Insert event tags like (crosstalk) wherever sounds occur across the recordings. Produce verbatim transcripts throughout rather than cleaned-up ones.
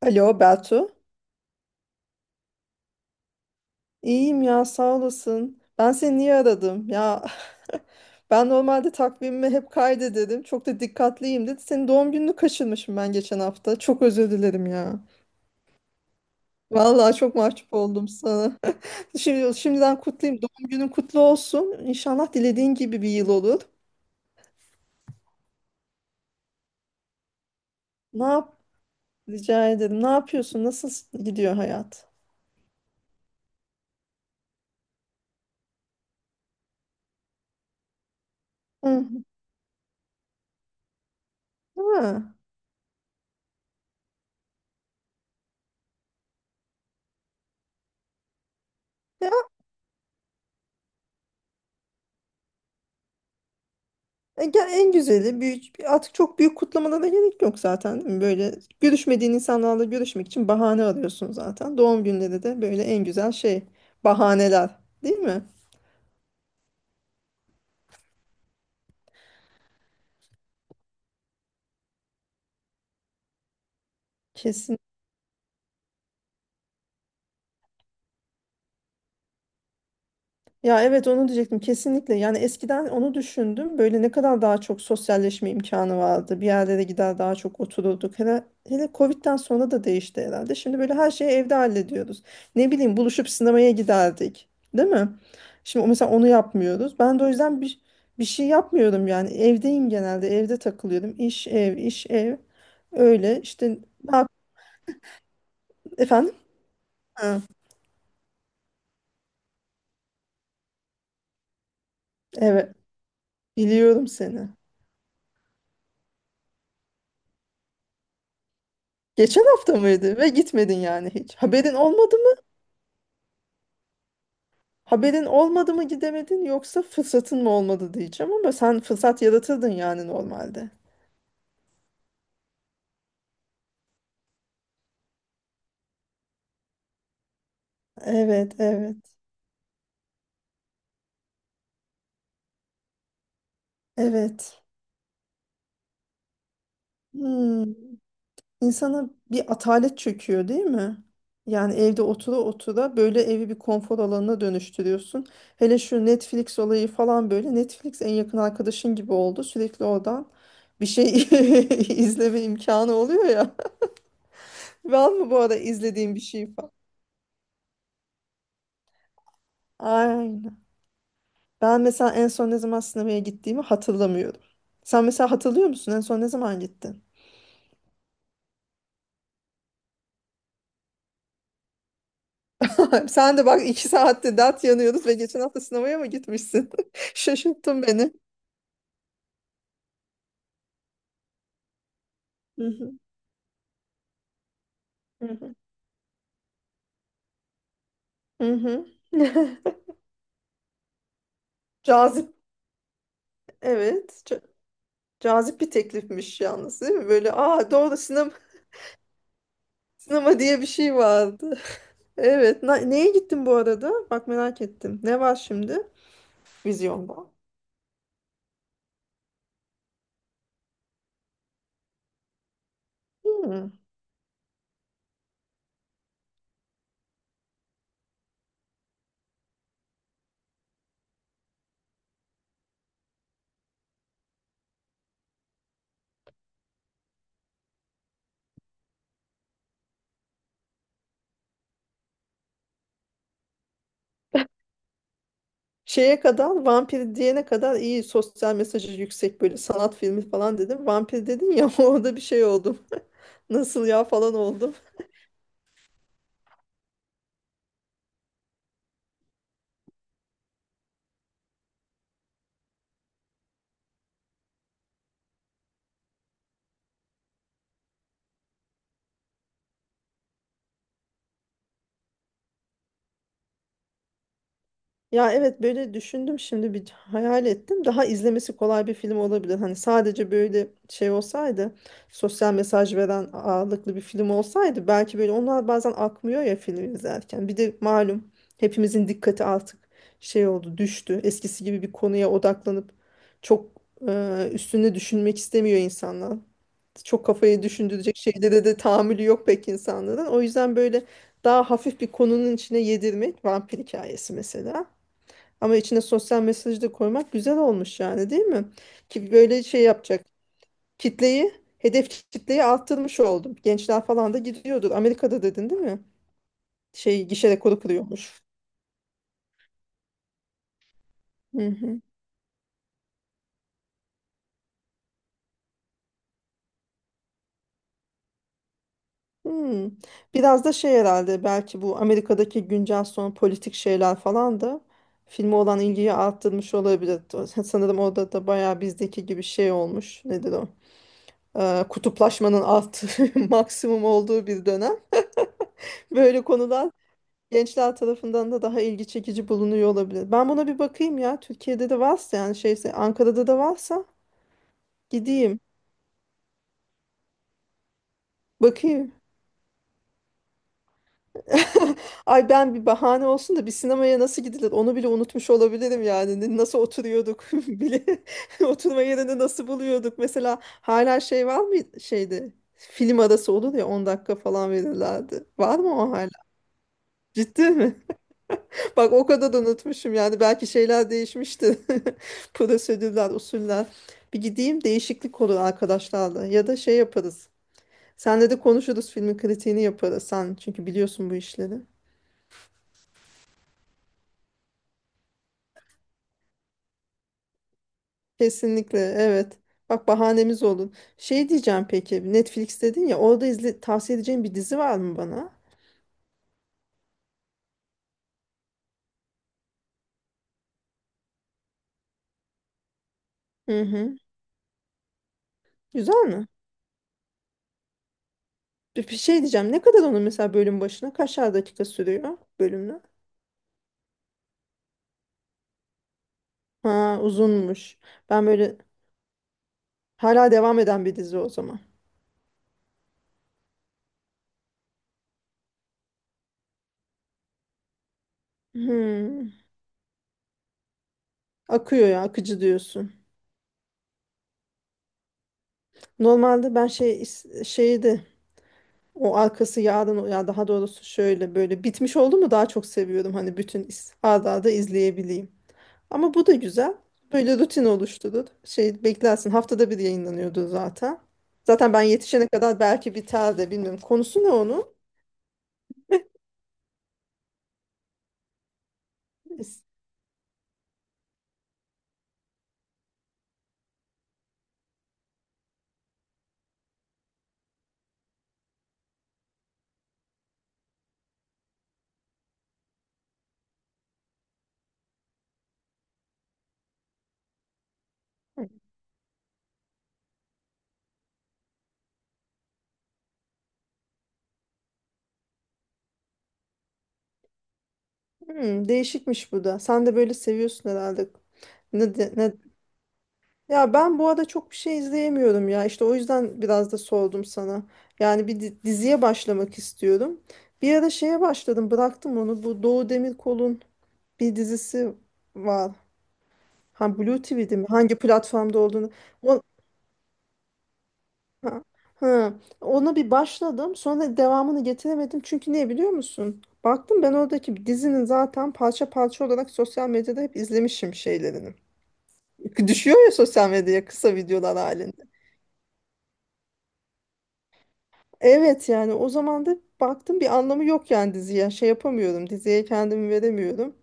Alo Beltu. İyiyim ya sağ olasın. Ben seni niye aradım? Ya (laughs) ben normalde takvimimi hep kaydederim. Çok da dikkatliyim dedi. Senin doğum gününü kaçırmışım ben geçen hafta. Çok özür dilerim ya. Vallahi çok mahcup oldum sana. (laughs) Şimdi, şimdiden kutlayayım. Doğum günün kutlu olsun. İnşallah dilediğin gibi bir yıl olur. Ne yap? Rica ederim. Ne yapıyorsun? Nasıl gidiyor hayat? Hı. Ha. E, gel- En güzeli büyük, artık çok büyük kutlamalara gerek yok zaten, değil mi? Böyle görüşmediğin insanlarla görüşmek için bahane arıyorsun zaten. Doğum günleri de böyle en güzel şey, bahaneler değil mi? Ya evet onu diyecektim kesinlikle. Yani eskiden onu düşündüm. Böyle ne kadar daha çok sosyalleşme imkanı vardı. Bir yerlere gider daha çok otururduk. Hele, hele Covid'den sonra da değişti herhalde. Şimdi böyle her şeyi evde hallediyoruz. Ne bileyim, buluşup sinemaya giderdik. Değil mi? Şimdi mesela onu yapmıyoruz. Ben de o yüzden bir, bir şey yapmıyorum yani. Evdeyim genelde. Evde takılıyorum. İş ev, iş ev. Öyle işte. ne yap- Efendim? Ha, evet, biliyorum seni. Geçen hafta mıydı ve gitmedin yani hiç. Haberin olmadı Haberin olmadı mı, gidemedin, yoksa fırsatın mı olmadı diyeceğim, ama sen fırsat yaratırdın yani normalde. Evet, evet, evet. Hmm. İnsana bir atalet çöküyor değil mi? Yani evde otura otura böyle evi bir konfor alanına dönüştürüyorsun. Hele şu Netflix olayı falan böyle. Netflix en yakın arkadaşın gibi oldu. Sürekli oradan bir şey (laughs) izleme imkanı oluyor ya. (laughs) Var mı bu arada izlediğin bir şey falan? Aynen. Ben mesela en son ne zaman sinemaya gittiğimi hatırlamıyorum. Sen mesela hatırlıyor musun? En son ne zaman gittin? (laughs) Sen de bak, iki saatte dert yanıyoruz ve geçen hafta sinemaya mı gitmişsin? (laughs) Şaşırttın beni. Hı hı. Hı hı. Hı hı. (laughs) Cazip, evet. Ca- cazip bir teklifmiş yalnız değil mi? Böyle aa, doğru, sinema, sinema diye bir şey vardı. (laughs) Evet. Na- neye gittin bu arada? Bak merak ettim. Ne var şimdi vizyonda? Hmm. Şeye kadar Vampir diyene kadar iyi, sosyal mesajı yüksek, böyle sanat filmi falan dedim. Vampir dedin ya (laughs) orada bir şey oldum. (laughs) Nasıl ya falan oldum. Ya evet, böyle düşündüm şimdi, bir hayal ettim. Daha izlemesi kolay bir film olabilir. Hani sadece böyle şey olsaydı, sosyal mesaj veren ağırlıklı bir film olsaydı, belki böyle onlar bazen akmıyor ya film izlerken. Bir de malum, hepimizin dikkati artık şey oldu, düştü. Eskisi gibi bir konuya odaklanıp çok e, üstüne düşünmek istemiyor insanlar. Çok kafayı düşündürecek şeylere de tahammülü yok pek insanların. O yüzden böyle daha hafif bir konunun içine yedirmek, vampir hikayesi mesela. Ama içine sosyal mesajı da koymak güzel olmuş yani, değil mi? Ki böyle şey yapacak. Kitleyi, hedef kitleyi arttırmış oldum. Gençler falan da gidiyordur. Amerika'da dedin değil mi? Şey, gişe rekoru kırıyormuş. Hı hı. Hmm. Biraz da şey herhalde, belki bu Amerika'daki güncel son politik şeyler falan da filme olan ilgiyi arttırmış olabilir. (laughs) Sanırım orada da bayağı bizdeki gibi şey olmuş. Nedir o? Ee, kutuplaşmanın arttığı, (laughs) maksimum olduğu bir dönem. Böyle konular gençler tarafından da daha ilgi çekici bulunuyor olabilir. Ben buna bir bakayım ya. Türkiye'de de varsa, yani şeyse, Ankara'da da varsa gideyim. Bakayım. (laughs) Ay, ben bir bahane olsun da, bir sinemaya nasıl gidilir onu bile unutmuş olabilirim yani. Ne- Nasıl oturuyorduk (laughs) bile. (laughs) Oturma yerini nasıl buluyorduk. Mesela hala şey var mı şeyde? Film arası olur ya, on dakika falan verirlerdi. Var mı o hala? Ciddi mi? Bak, o kadar da unutmuşum yani, belki şeyler değişmişti. (laughs) Prosedürler, usuller. Bir gideyim, değişiklik olur arkadaşlarla ya da şey yaparız. Senle de konuşuruz, filmin kritiğini yaparız, sen çünkü biliyorsun bu işleri. Kesinlikle evet. Bak, bahanemiz olun. Şey diyeceğim, peki Netflix dedin ya, orada izle, tavsiye edeceğin bir dizi var mı bana? Hı hı. Güzel mi? Bir, bir şey diyeceğim, ne kadar onun mesela bölüm başına, kaçar dakika sürüyor bölümler? Ha, uzunmuş. Ben böyle, hala devam eden bir dizi o zaman. Hmm. Akıyor ya, akıcı diyorsun. Normalde ben şey is- şeydi, o arkası yarın ya, daha doğrusu şöyle böyle bitmiş oldu mu daha çok seviyorum, hani bütün is- arda arda izleyebileyim. Ama bu da güzel. Böyle rutin oluşturur. Şey, beklersin, haftada bir yayınlanıyordu zaten. Zaten ben yetişene kadar belki biter de, bilmiyorum. Konusu ne onun? Is- Hmm, değişikmiş bu da. Sen de böyle seviyorsun herhalde. Ne, de- ne Ya ben bu arada çok bir şey izleyemiyorum ya. İşte o yüzden biraz da sordum sana. Yani bir di- diziye başlamak istiyorum. Bir ara şeye başladım, bıraktım onu. Bu Doğu Demirkol'un bir dizisi var. Ha, Blue T V'de mi? Hangi platformda olduğunu. O, ha, ha. Ona bir başladım. Sonra devamını getiremedim. Çünkü niye biliyor musun? Baktım, ben oradaki dizinin zaten parça parça olarak sosyal medyada hep izlemişim şeylerini. (laughs) Düşüyor ya sosyal medyaya, kısa videolar halinde. Evet, yani o zaman da baktım bir anlamı yok yani diziye. Şey yapamıyorum. Diziye kendimi veremiyorum.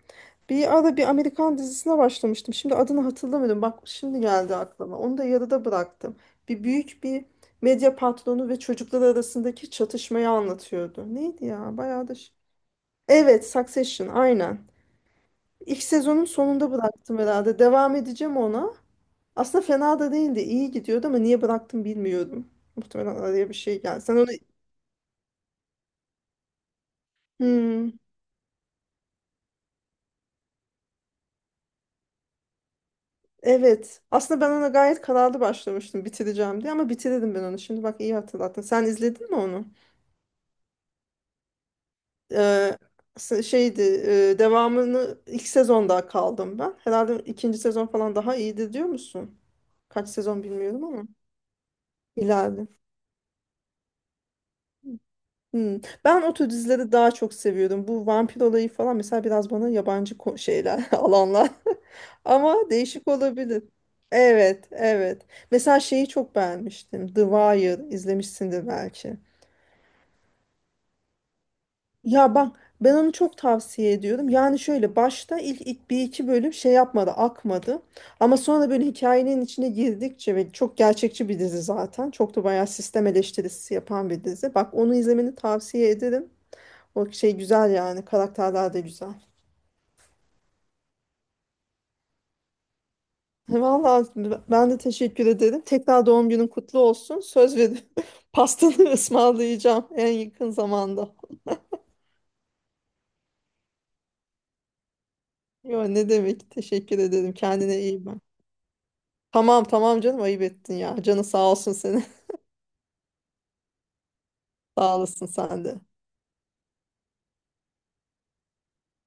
Bir ara bir Amerikan dizisine başlamıştım. Şimdi adını hatırlamıyorum. Bak, şimdi geldi aklıma. Onu da yarıda bıraktım. Bir büyük bir medya patronu ve çocuklar arasındaki çatışmayı anlatıyordu. Neydi ya? Bayağı da şey- evet, Succession aynen. İlk sezonun sonunda bıraktım herhalde. Devam edeceğim ona. Aslında fena da değildi. İyi gidiyordu ama niye bıraktım bilmiyorum. Muhtemelen araya bir şey geldi. Sen onu... Hmm. Evet. Aslında ben ona gayet kararlı başlamıştım, bitireceğim diye, ama bitirdim ben onu. Şimdi bak, iyi hatırlattın. Sen izledin mi onu? Ee, s- Şeydi, e, devamını, ilk sezonda kaldım ben. Herhalde ikinci sezon falan daha iyiydi diyor musun? Kaç sezon bilmiyorum ama ileride. Hmm. Ben o tür dizileri daha çok seviyordum. Bu vampir olayı falan mesela biraz bana yabancı, ko- şeyler (laughs) alanlar. (laughs) Ama değişik olabilir. Evet, evet. Mesela şeyi çok beğenmiştim. The Wire, izlemişsindir belki. Ya bak, ben onu çok tavsiye ediyorum. Yani şöyle başta ilk, ilk bir iki bölüm şey yapmadı, akmadı. Ama sonra böyle hikayenin içine girdikçe, ve çok gerçekçi bir dizi zaten. Çok da bayağı sistem eleştirisi yapan bir dizi. Bak, onu izlemeni tavsiye ederim. O şey güzel yani, karakterler de güzel. (laughs) Vallahi ben de teşekkür ederim. Tekrar doğum günün kutlu olsun. Söz veriyorum. (laughs) Pastanı ısmarlayacağım en yakın zamanda. Yo, ne demek? Teşekkür ederim. Kendine iyi bak. Tamam tamam canım, ayıp ettin ya. Canı sağ olsun senin. (laughs) Sağ olasın sen de.